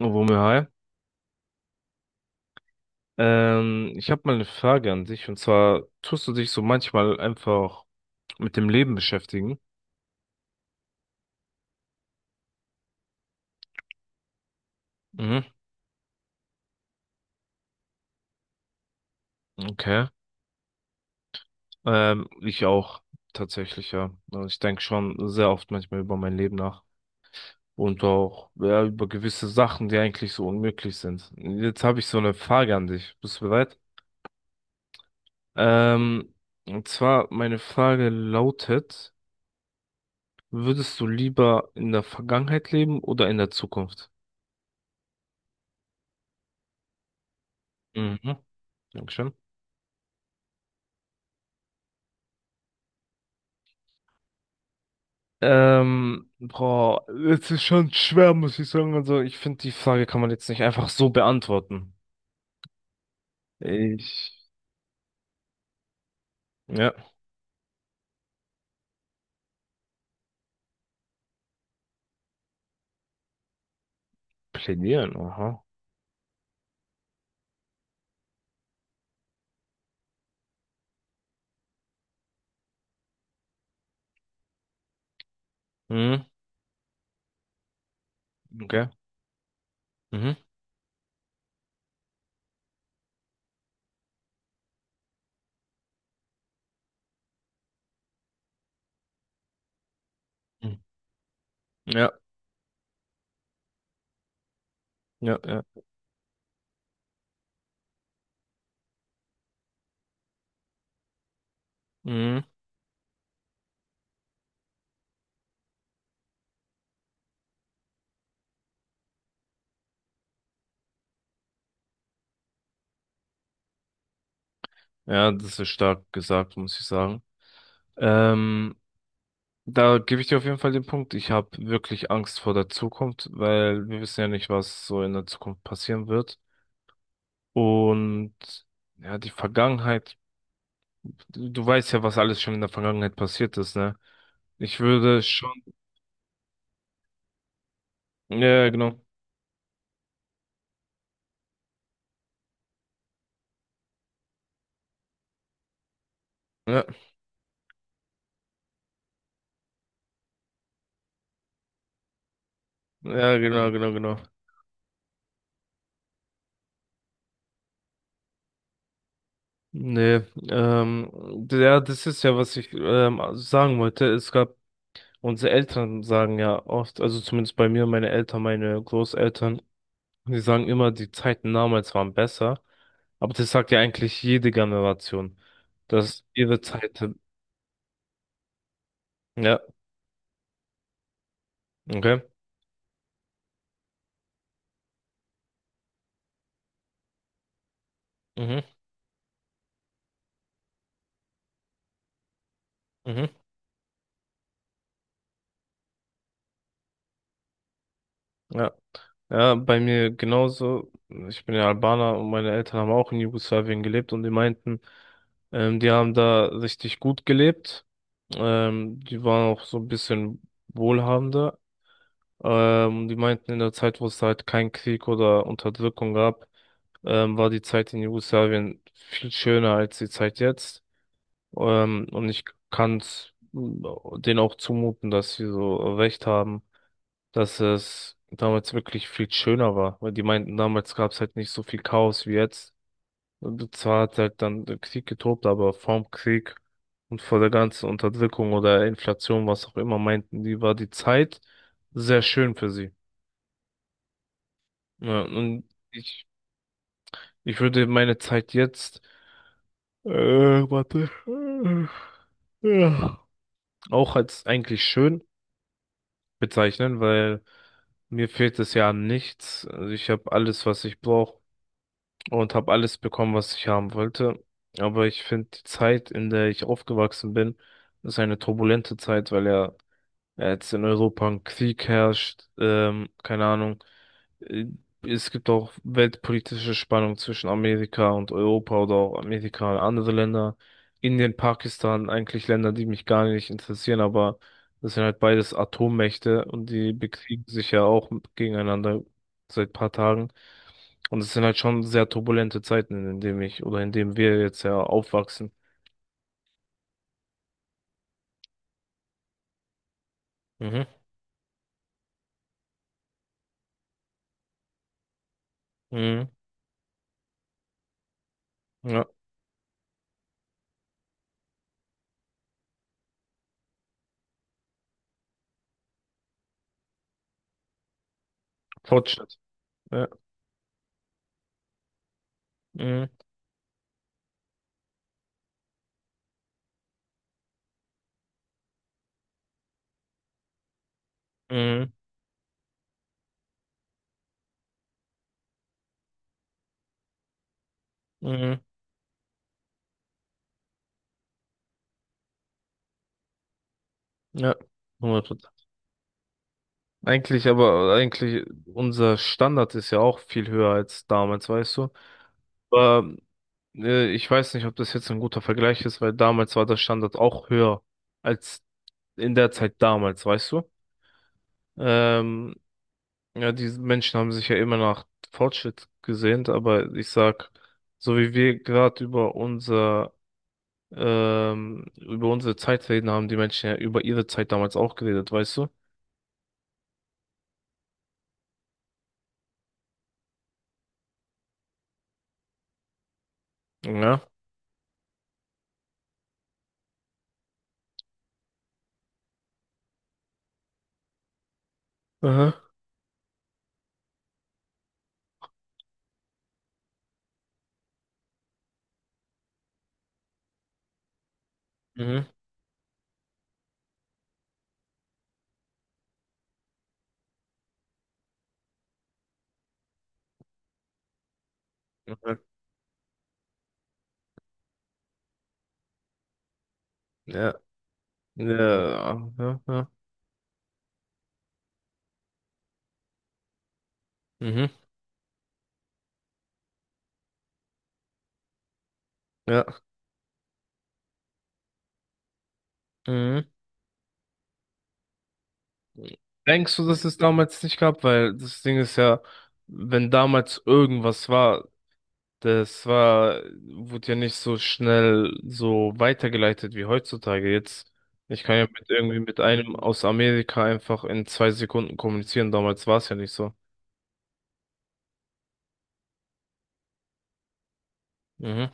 Womir, hi. Ich habe mal eine Frage an dich und zwar tust du dich so manchmal einfach mit dem Leben beschäftigen? Mhm, okay. Ich auch tatsächlich, ja. Also, ich denke schon sehr oft manchmal über mein Leben nach und auch ja, über gewisse Sachen, die eigentlich so unmöglich sind. Jetzt habe ich so eine Frage an dich. Bist du bereit? Ähm, und zwar meine Frage lautet, würdest du lieber in der Vergangenheit leben oder in der Zukunft? Mhm. Dankeschön. Boah, es ist schon schwer, muss ich sagen. Also, ich finde, die Frage kann man jetzt nicht einfach so beantworten. Ich, ja, plädieren, aha. Mhm, okay. Mhm. Mhm. Ja, ja, ja. Mhm. Ja, das ist stark gesagt, muss ich sagen. Ähm, Da gebe ich dir auf jeden Fall den Punkt. Ich habe wirklich Angst vor der Zukunft, weil wir wissen ja nicht, was so in der Zukunft passieren wird. Und ja, die Vergangenheit. Du weißt ja, was alles schon in der Vergangenheit passiert ist, ne? Ich würde schon. Ja, genau. Ja, ja, genau, genau, genau. Nee, ja, das ist ja, was ich sagen wollte. Unsere Eltern sagen ja oft, also zumindest bei mir, meine Eltern, meine Großeltern, die sagen immer, die Zeiten damals waren besser. Aber das sagt ja eigentlich jede Generation, dass ihre Zeit, ja, okay. Mhm, mhm, ja. Ja, bei mir genauso. Ich bin ja Albaner und meine Eltern haben auch in Jugoslawien gelebt und die meinten, die haben da richtig gut gelebt. Die waren auch so ein bisschen wohlhabender. Die meinten, in der Zeit, wo es halt keinen Krieg oder Unterdrückung gab, war die Zeit in Jugoslawien viel schöner als die Zeit jetzt. Und ich kann es denen auch zumuten, dass sie so recht haben, dass es damals wirklich viel schöner war, weil die meinten, damals gab es halt nicht so viel Chaos wie jetzt. Und zwar hat halt dann der Krieg getobt, aber vorm Krieg und vor der ganzen Unterdrückung oder Inflation, was auch immer, meinten die, war die Zeit sehr schön für sie. Ja, und ich würde meine Zeit jetzt, äh, warte, ja, auch als eigentlich schön bezeichnen, weil mir fehlt es ja an nichts. Also ich habe alles, was ich brauche und habe alles bekommen, was ich haben wollte. Aber ich finde, die Zeit, in der ich aufgewachsen bin, ist eine turbulente Zeit, weil ja, jetzt in Europa ein Krieg herrscht, keine Ahnung. Äh, Es gibt auch weltpolitische Spannungen zwischen Amerika und Europa oder auch Amerika und andere Länder. Indien, Pakistan, eigentlich Länder, die mich gar nicht interessieren, aber das sind halt beides Atommächte und die bekriegen sich ja auch gegeneinander seit paar Tagen. Und es sind halt schon sehr turbulente Zeiten, in denen ich oder in denen wir jetzt ja aufwachsen. Mhm. Mhm. Ja. Fortschritt. Ja. Mhm. Mhm. Mhm. Ja, 100%. Eigentlich, aber eigentlich, unser Standard ist ja auch viel höher als damals, weißt du? Aber ich weiß nicht, ob das jetzt ein guter Vergleich ist, weil damals war der Standard auch höher als in der Zeit damals, weißt du? Ähm, ja, die Menschen haben sich ja immer nach Fortschritt gesehnt, aber ich sag, so wie wir gerade über unser über unsere Zeit reden, haben die Menschen ja über ihre Zeit damals auch geredet, weißt du? Ja. Aha. Mhm. Ja, ja, ja, ja, Mhm, ja. Mhm. Denkst du, dass es damals nicht gab? Weil das Ding ist ja, wenn damals irgendwas war, das war, wurde ja nicht so schnell so weitergeleitet wie heutzutage. Jetzt, ich kann ja mit irgendwie mit einem aus Amerika einfach in 2 Sekunden kommunizieren. Damals war es ja nicht so. Mhm.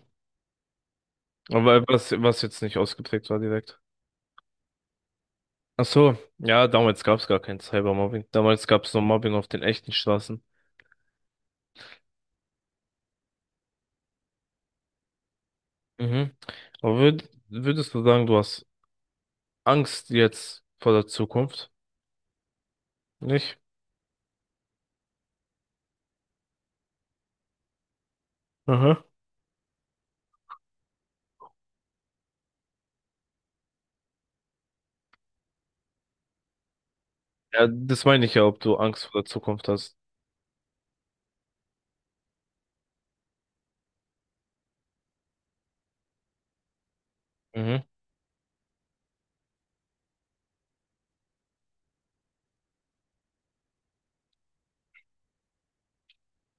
Aber was, was jetzt nicht ausgeprägt war direkt. Ach so, ja, damals gab es gar kein Cybermobbing. Damals gab es nur Mobbing auf den echten Straßen. Mhm. Aber würdest du sagen, du hast Angst jetzt vor der Zukunft? Nicht? Aha. Ja, das meine ich ja, ob du Angst vor der Zukunft hast. Mhm.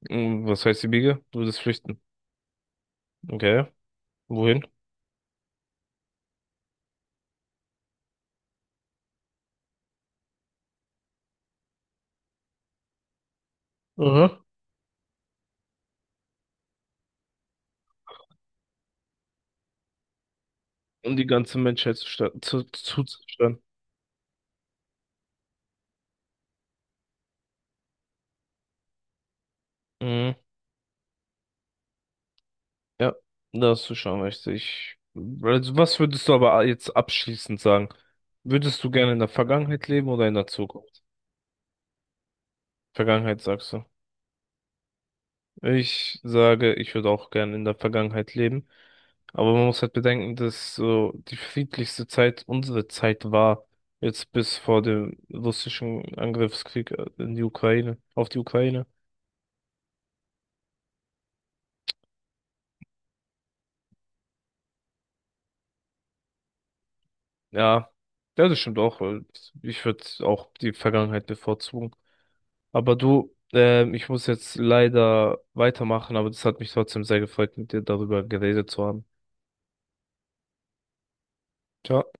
Mm, was heißt die Biege? Du würdest flüchten. Okay. Wohin? Aha. Um die ganze Menschheit zuzuschlagen. Mhm. Ja, da hast du schon recht. Ich, also was würdest du aber jetzt abschließend sagen? Würdest du gerne in der Vergangenheit leben oder in der Zukunft? Vergangenheit sagst du. Ich sage, ich würde auch gern in der Vergangenheit leben. Aber man muss halt bedenken, dass so die friedlichste Zeit unsere Zeit war, jetzt bis vor dem russischen Angriffskrieg in die Ukraine, auf die Ukraine. Ja, ja, das stimmt auch. Weil Ich würde auch die Vergangenheit bevorzugen. Aber du, ich muss jetzt leider weitermachen, aber das hat mich trotzdem sehr gefreut, mit dir darüber geredet zu haben. Ciao.